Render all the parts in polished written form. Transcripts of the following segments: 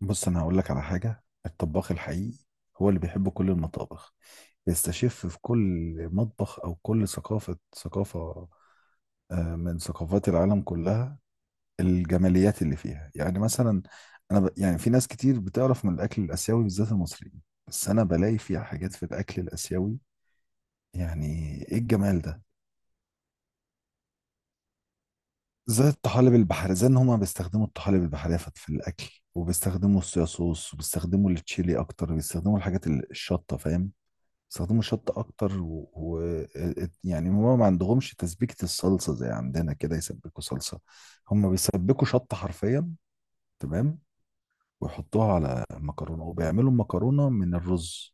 بص انا هقول لك على حاجه. الطباخ الحقيقي هو اللي بيحب كل المطابخ، بيستشف في كل مطبخ او كل ثقافه من ثقافات العالم كلها الجماليات اللي فيها. يعني مثلا انا يعني في ناس كتير بتعرف من الاكل الاسيوي بالذات المصريين، بس انا بلاقي فيها حاجات. في الاكل الاسيوي يعني ايه الجمال ده؟ زي الطحالب البحرية، زي ان هما بيستخدموا الطحالب البحرية في الاكل، وبيستخدموا الصويا صوص، وبيستخدموا التشيلي اكتر، وبيستخدموا الحاجات الشطة، فاهم؟ بيستخدموا شطة أكتر يعني هما ما عندهمش تسبيكة الصلصة زي عندنا كده، يسبكوا صلصة، هما بيسبكوا شطة حرفيا. تمام. ويحطوها على مكرونة، وبيعملوا مكرونة من الرز.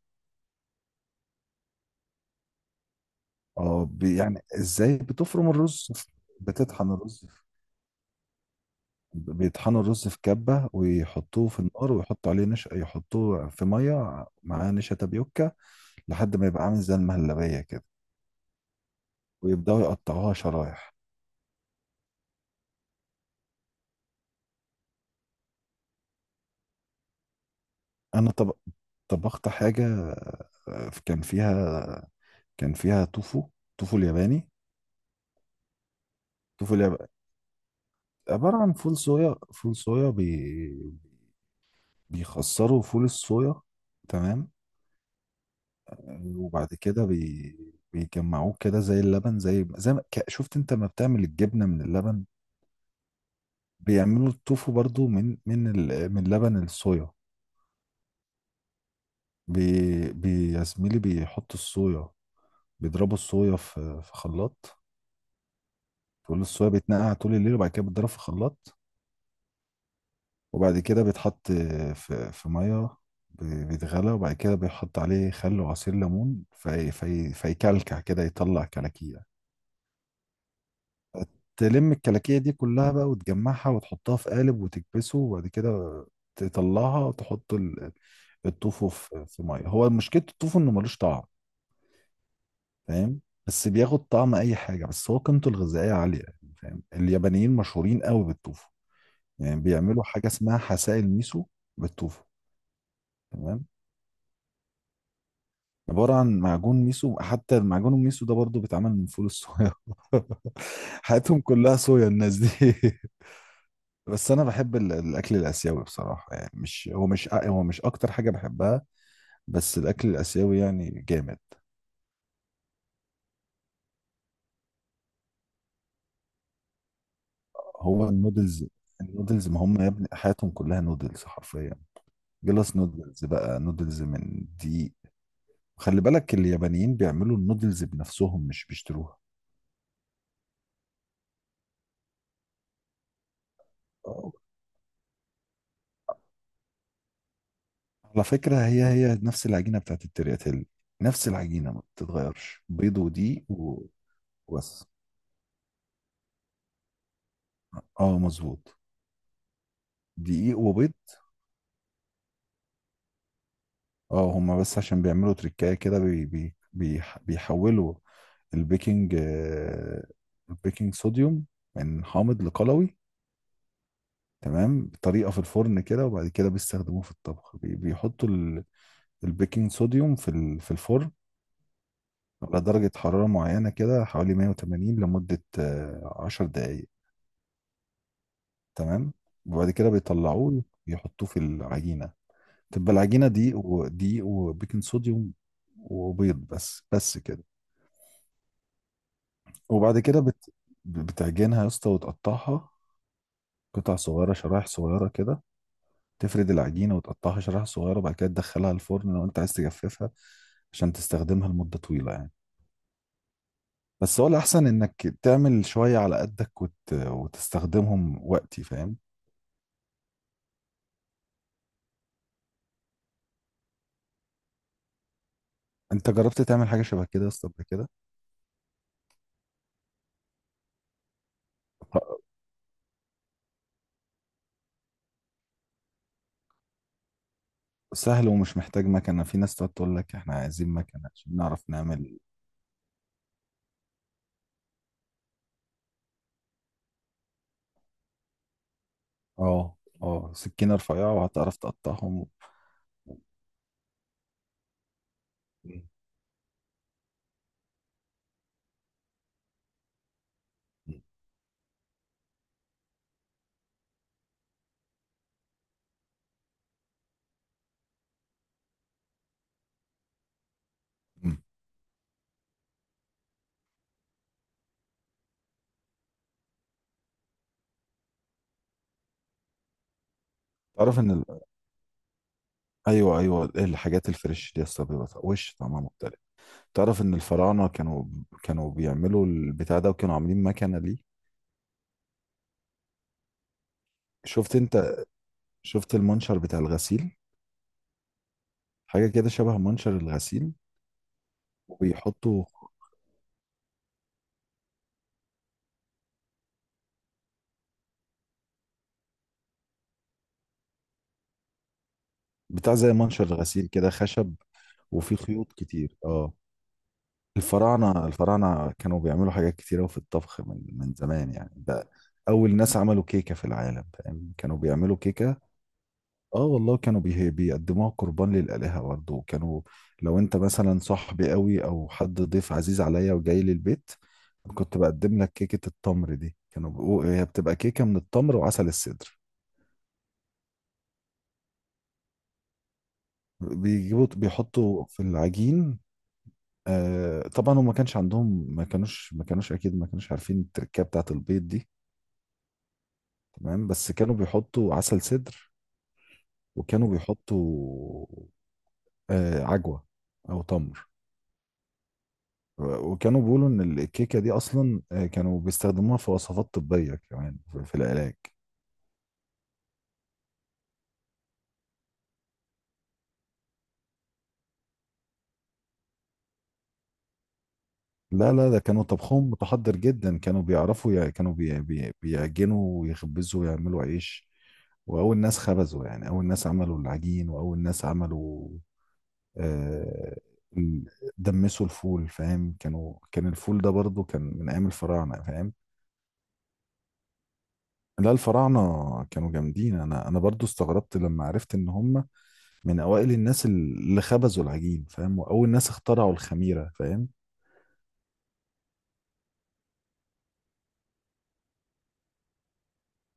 اه يعني ازاي؟ بتفرم الرز، بتطحن الرز، بيطحنوا الرز في كبة ويحطوه في النار، ويحطوا عليه نشا، يحطوه في مية معاه نشا تابيوكا لحد ما يبقى عامل زي المهلبية كده، ويبدأوا يقطعوها شرايح. انا طب... طبخت حاجه، كان فيها، كان فيها توفو، توفو الياباني. توفو الياباني عباره عن فول صويا، فول صويا بيخسروا فول الصويا، تمام، وبعد كده بيجمعوه كده زي اللبن، زي زي ما... ك- شفت انت ما بتعمل الجبنه من اللبن، بيعملوا التوفو برضو من من لبن الصويا. يا زميلي بيحطوا الصويا، بيضربوا الصويا في خلاط. فول الصويا بيتنقع طول الليل، وبعد كده بيتضرب في خلاط، وبعد كده بيتحط في ميه، بيتغلى، وبعد كده بيحط عليه خل وعصير ليمون في فيكلكع كده يطلع كلاكيع. تلم الكلاكيع دي كلها بقى وتجمعها وتحطها في قالب وتكبسه، وبعد كده تطلعها وتحط الطوفو في ميه. هو مشكلة الطوفو انه ملوش طعم، فاهم؟ بس بياخد طعم اي حاجة، بس هو قيمته الغذائية عالية، يعني، فاهم؟ اليابانيين مشهورين قوي بالطوفو، يعني بيعملوا حاجة اسمها حسائل ميسو بالطوفة. تمام، عبارة عن معجون ميسو. حتى المعجون الميسو ده برضو بيتعمل من فول الصويا. حياتهم كلها صويا الناس دي. بس أنا بحب الأكل الآسيوي بصراحة، يعني مش هو مش أ- هو مش أكتر حاجة بحبها، بس الأكل الآسيوي يعني جامد. هو النودلز، النودلز ما هم يا ابني حياتهم كلها نودلز حرفيا. جلاس نودلز بقى، نودلز من دقيق. خلي بالك اليابانيين بيعملوا النودلز بنفسهم، مش بيشتروها. على فكرة هي نفس العجينة بتاعت الترياتيل، نفس العجينة ما بتتغيرش، بيض ودقيق وبس. اه مظبوط، دقيق وبيض. اه هما بس عشان بيعملوا تريكاية كده بي بي بي بيحولوا البيكنج، البيكنج صوديوم من حامض لقلوي، تمام، بطريقة في الفرن كده. وبعد كده بيستخدموه في الطبخ، بيحطوا البيكنج صوديوم في الفرن على درجة حرارة معينة كده، حوالي 180 لمدة 10 دقايق. تمام. وبعد كده بيطلعوه يحطوه في العجينة، تبقى العجينة دقيق ودقيق وبيكنج صوديوم وبيض، بس كده. وبعد كده بتعجنها يا اسطى وتقطعها قطع صغيرة، شرايح صغيرة كده. تفرد العجينة وتقطعها شرايح صغيرة، بعد كده تدخلها الفرن لو انت عايز تجففها عشان تستخدمها لمدة طويلة، يعني. بس هو الأحسن إنك تعمل شوية على قدك وتستخدمهم وقتي، فاهم؟ أنت جربت تعمل حاجة شبه كده يا اسطى قبل كده؟ سهل ومش محتاج مكنة. في ناس تقعد تقول لك احنا عايزين مكنة عشان نعرف نعمل. اه اه سكينة رفيعة وهتعرف تقطعهم. مم. مم. تعرف ان ال... ايوه ايوه، الحاجات الفريش دي اصلا بيبقى وش طعمها مختلف. تعرف ان الفراعنة كانوا، كانوا بيعملوا البتاع ده، وكانوا عاملين مكنة ليه. شفت انت، شفت المنشر بتاع الغسيل؟ حاجة كده شبه منشر الغسيل، وبيحطوا بتاع زي منشر الغسيل كده خشب، وفيه خيوط كتير. اه، الفراعنة كانوا بيعملوا حاجات كتير أوي في الطبخ من زمان، يعني ده أول ناس عملوا كيكة في العالم، فاهم؟ كانوا بيعملوا كيكة. اه والله، كانوا بيقدموها قربان للآلهة برضه. وكانوا، لو أنت مثلا صاحبي أوي أو حد ضيف عزيز عليا وجاي لي البيت، كنت بقدم لك كيكة التمر دي. هي بتبقى كيكة من التمر وعسل السدر. بيجيبوا بيحطوا في العجين. آه طبعا هم ما كانش عندهم، ما كانوش اكيد ما كانوش عارفين التركيبه بتاعت البيض دي. تمام، بس كانوا بيحطوا عسل سدر، وكانوا بيحطوا عجوة أو تمر، وكانوا بيقولوا إن الكيكة دي أصلا، كانوا بيستخدموها في وصفات طبية كمان في العلاج. لا لا، ده كانوا طبخهم متحضر جدا، كانوا كانوا بي بي بيعجنوا ويخبزوا ويعملوا عيش، وأول ناس خبزوا، يعني أول ناس عملوا العجين، وأول ناس عملوا، آه، ال- دمسوا الفول، فاهم؟ كانوا، كان الفول ده برضو كان من أيام الفراعنة، فاهم؟ لا الفراعنة كانوا جامدين. أنا برضو استغربت لما عرفت إن هم من أوائل الناس اللي خبزوا العجين، فاهم؟ وأول ناس اخترعوا الخميرة، فاهم؟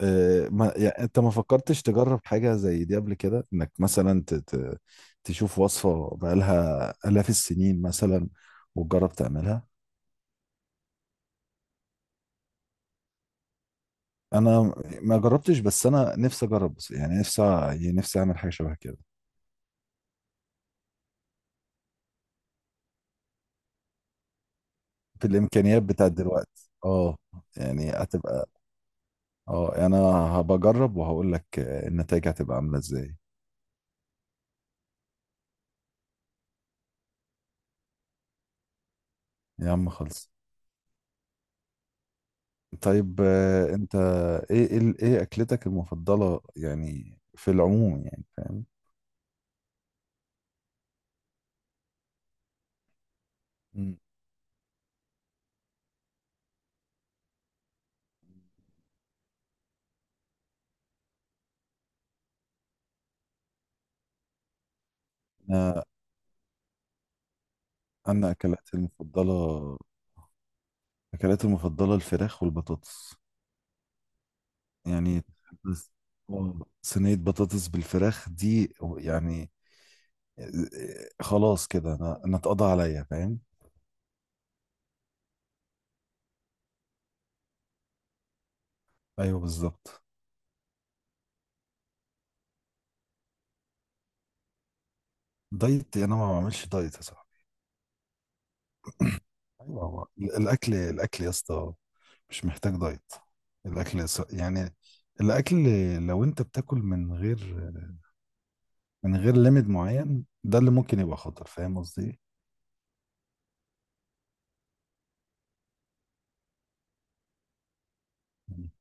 أه ما يعني أنت ما فكرتش تجرب حاجة زي دي قبل كده، إنك مثلا تشوف وصفة بقالها آلاف السنين مثلا وتجرب تعملها؟ أنا ما جربتش، بس أنا نفسي أجرب، يعني نفسي، يعني نفسي أعمل حاجة شبه كده في الإمكانيات بتاعت دلوقتي. اه يعني هتبقى، اه يعني انا هبجرب وهقول لك، النتائج هتبقى عامله ازاي. يا عم خلص. طيب انت ايه ايه اكلتك المفضله يعني في العموم، يعني فاهم؟ مم. انا انا اكلاتي المفضله اكلاتي المفضله الفراخ والبطاطس، يعني، بس، صينيه بطاطس بالفراخ دي يعني، خلاص كده انا اتقضى عليا، فاهم؟ ايوه بالظبط. دايت؟ انا ما بعملش دايت يا صاحبي. ايوه، هو الاكل، الاكل يا اسطى مش محتاج دايت. يعني الاكل لو انت بتاكل من غير، من غير ليميت معين، ده اللي ممكن يبقى خطر. فاهم قصدي ايه؟ يعني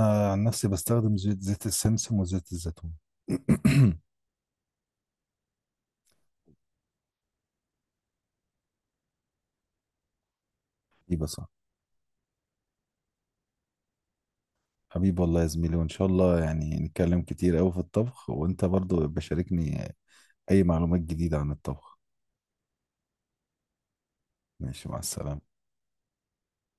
انا عن نفسي بستخدم زيت، زيت السمسم وزيت الزيتون. حبيبي صح. حبيبي والله يا زميلي، وان شاء الله يعني نتكلم كتير قوي في الطبخ، وانت برضو بشاركني اي معلومات جديدة عن الطبخ. ماشي، مع السلامة.